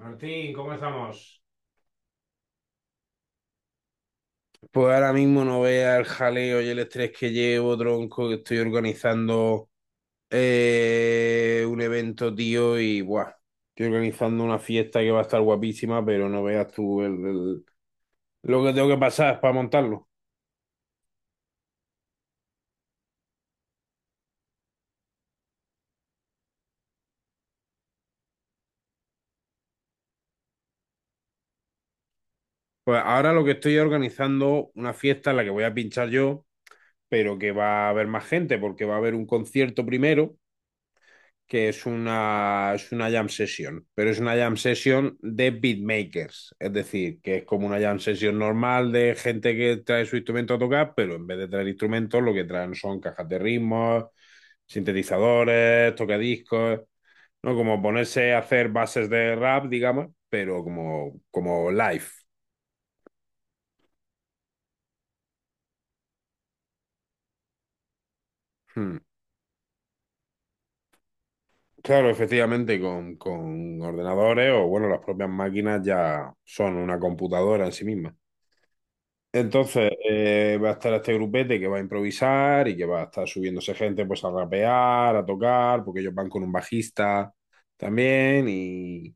Martín, ¿cómo estamos? Pues ahora mismo no vea el jaleo y el estrés que llevo, tronco, que estoy organizando un evento, tío, y buah, estoy organizando una fiesta que va a estar guapísima, pero no veas tú lo que tengo que pasar para montarlo. Pues ahora lo que estoy organizando una fiesta en la que voy a pinchar yo, pero que va a haber más gente, porque va a haber un concierto primero que es es una jam session, pero es una jam session de beatmakers, es decir, que es como una jam session normal de gente que trae su instrumento a tocar, pero en vez de traer instrumentos, lo que traen son cajas de ritmos, sintetizadores, tocadiscos, ¿no? Como ponerse a hacer bases de rap, digamos, pero como live. Hmm. Claro, efectivamente, con ordenadores o, bueno, las propias máquinas ya son una computadora en sí misma. Entonces, va a estar este grupete que va a improvisar y que va a estar subiéndose gente pues a rapear, a tocar, porque ellos van con un bajista también.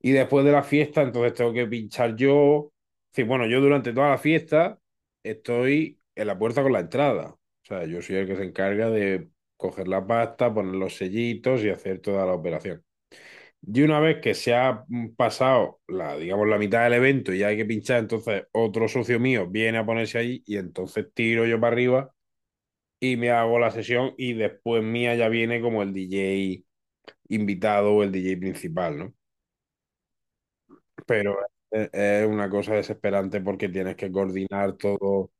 Y después de la fiesta, entonces tengo que pinchar yo. Es decir, bueno, yo durante toda la fiesta estoy en la puerta con la entrada. O sea, yo soy el que se encarga de coger la pasta, poner los sellitos y hacer toda la operación. Y una vez que se ha pasado la, digamos, la mitad del evento y hay que pinchar, entonces otro socio mío viene a ponerse ahí y entonces tiro yo para arriba y me hago la sesión y después mía ya viene como el DJ invitado o el DJ principal, ¿no? Pero es una cosa desesperante porque tienes que coordinar todo,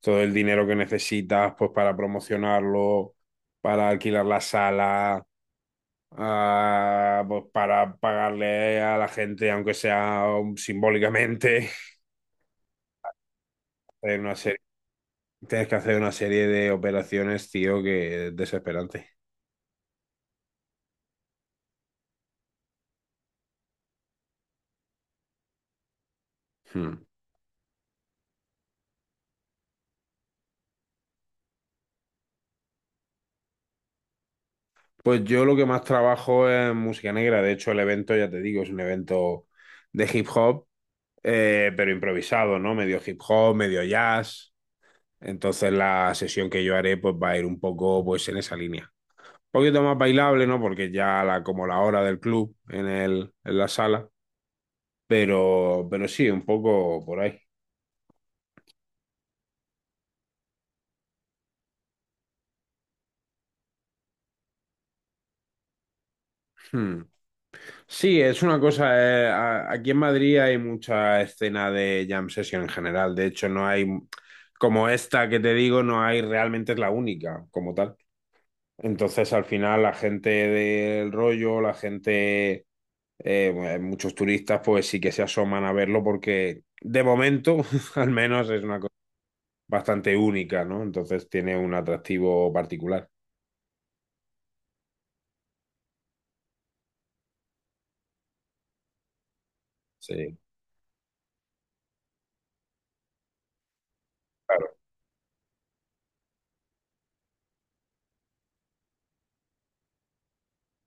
todo el dinero que necesitas pues para promocionarlo, para alquilar la sala, pues para pagarle a la gente, aunque sea simbólicamente, hacer una serie- tienes que hacer una serie de operaciones, tío, que es desesperante. Hmm. Pues yo lo que más trabajo es música negra. De hecho, el evento, ya te digo, es un evento de hip hop, pero improvisado, ¿no? Medio hip hop, medio jazz. Entonces la sesión que yo haré, pues va a ir un poco, pues, en esa línea. Un poquito más bailable, ¿no? Porque ya la, como la hora del club en en la sala. Pero sí, un poco por ahí. Hmm. Sí, es una cosa. Aquí en Madrid hay mucha escena de jam session en general. De hecho, no hay, como esta que te digo, no hay realmente es la única como tal. Entonces, al final, la gente del rollo, la gente, bueno, muchos turistas, pues sí que se asoman a verlo porque de momento, al menos, es una cosa bastante única, ¿no? Entonces tiene un atractivo particular. Sí.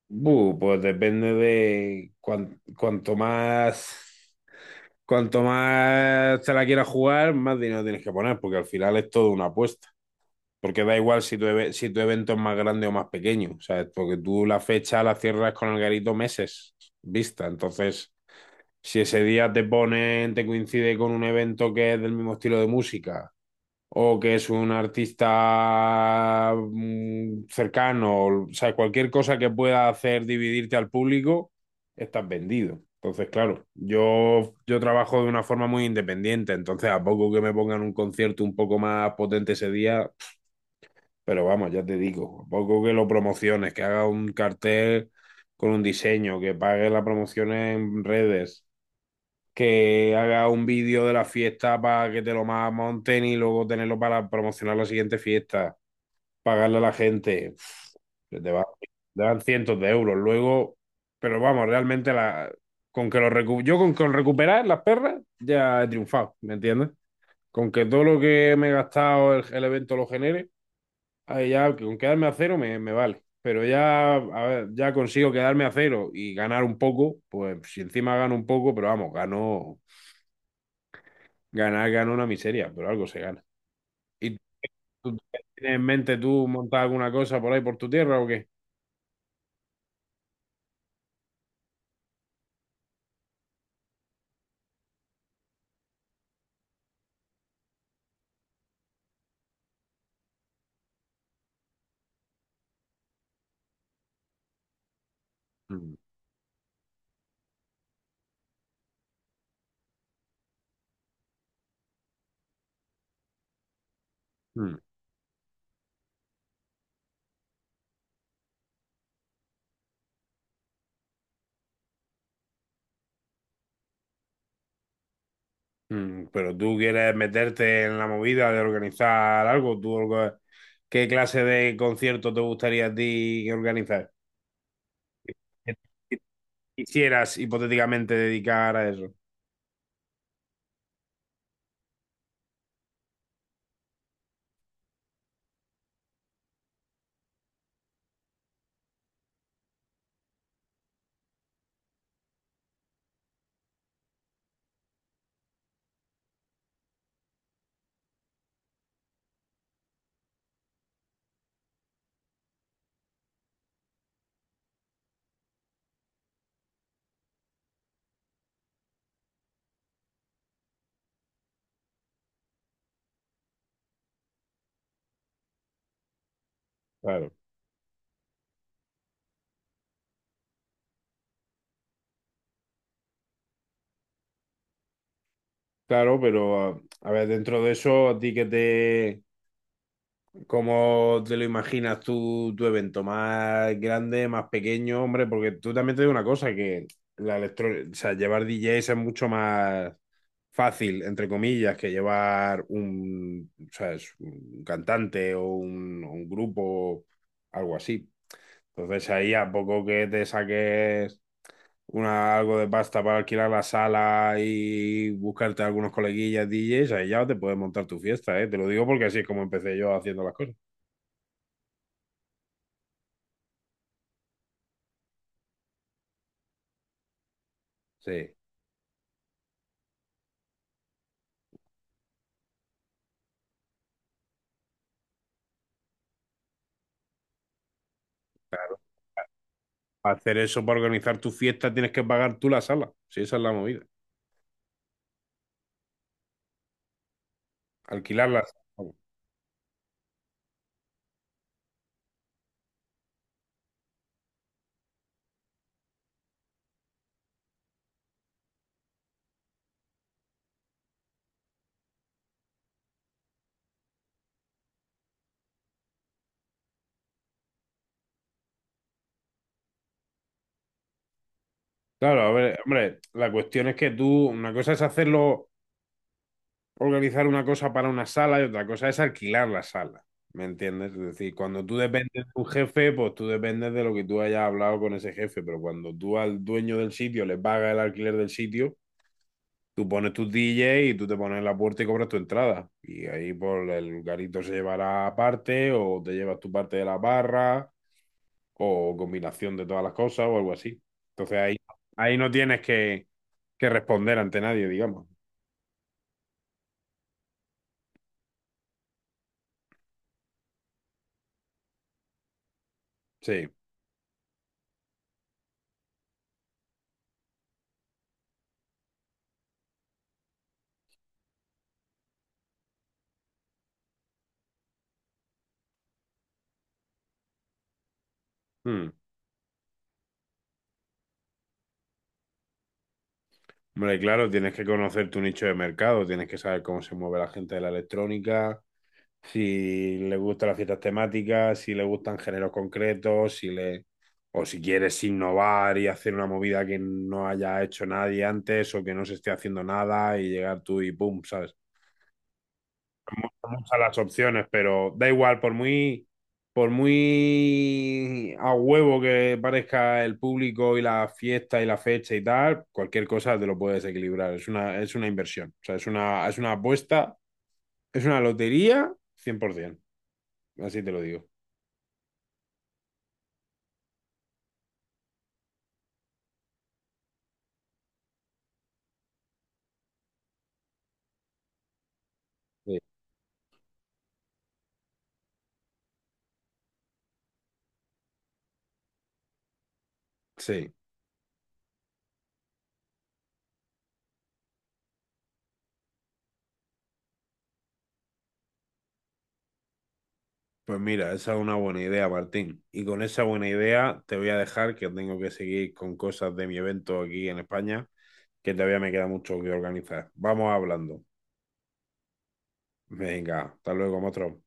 Bu, pues depende de cuanto más te la quieras jugar, más dinero tienes que poner, porque al final es todo una apuesta. Porque da igual si si tu evento es más grande o más pequeño, ¿sabes? Porque tú la fecha la cierras con el garito meses vista. Entonces, si ese día te ponen, te coincide con un evento que es del mismo estilo de música o que es un artista cercano, o sea, cualquier cosa que pueda hacer dividirte al público, estás vendido. Entonces, claro, yo trabajo de una forma muy independiente, entonces a poco que me pongan un concierto un poco más potente ese día, pero vamos, ya te digo, a poco que lo promociones, que haga un cartel con un diseño, que pague la promoción en redes, que haga un vídeo de la fiesta para que te lo monten y luego tenerlo para promocionar la siguiente fiesta, pagarle a la gente, te dan cientos de euros. Luego, pero vamos, realmente la, con que yo con recuperar las perras ya he triunfado, ¿me entiendes? Con que todo lo que me he gastado el evento lo genere, ahí ya con quedarme a cero me vale. Pero ya, a ver, ya consigo quedarme a cero y ganar un poco, pues si encima gano un poco, pero vamos, gano. Ganar gana una miseria, pero algo se gana. ¿Y tú tienes en mente tú montar alguna cosa por ahí por tu tierra o qué? Mm, mm, mm. Pero tú quieres meterte en la movida de organizar algo, ¿qué clase de concierto te gustaría a ti organizar? ¿Qué Quisieras hipotéticamente dedicar a eso. Claro, claro, pero a ver, dentro de eso, ¿a ti qué te, ¿cómo te lo imaginas tú, tu evento? ¿Más grande, más pequeño? Hombre, porque tú también te digo una cosa, que la electro, o sea, llevar DJs es mucho más fácil, entre comillas, que llevar ¿sabes? Un cantante o un grupo, algo así. Entonces ahí a poco que te saques algo de pasta para alquilar la sala y buscarte algunos coleguillas DJs, ahí ya te puedes montar tu fiesta, ¿eh? Te lo digo porque así es como empecé yo haciendo las cosas. Sí, claro. Para hacer eso, para organizar tu fiesta, tienes que pagar tú la sala. Sí, esa es la movida. Alquilar la sala. Vamos. Claro, a ver, hombre, la cuestión es que tú, una cosa es hacerlo, organizar una cosa para una sala y otra cosa es alquilar la sala. ¿Me entiendes? Es decir, cuando tú dependes de un jefe, pues tú dependes de lo que tú hayas hablado con ese jefe, pero cuando tú al dueño del sitio le pagas el alquiler del sitio, tú pones tus DJ y tú te pones en la puerta y cobras tu entrada. Y ahí por el garito se llevará parte o te llevas tu parte de la barra o combinación de todas las cosas o algo así. Entonces ahí, ahí no tienes que responder ante nadie, digamos. Sí. Mm. Hombre, claro, tienes que conocer tu nicho de mercado, tienes que saber cómo se mueve la gente de la electrónica, si le gustan las fiestas temáticas, si le gustan géneros concretos, si le o si quieres innovar y hacer una movida que no haya hecho nadie antes o que no se esté haciendo nada y llegar tú y pum, ¿sabes? Muchas las opciones, pero da igual, por muy a huevo que parezca el público y la fiesta y la fecha y tal, cualquier cosa te lo puedes equilibrar, es una inversión, o sea, es una apuesta, es una lotería 100%, así te lo digo. Sí, sí. Pues mira, esa es una buena idea, Martín. Y con esa buena idea te voy a dejar que tengo que seguir con cosas de mi evento aquí en España, que todavía me queda mucho que organizar. Vamos hablando. Venga, hasta luego, otro.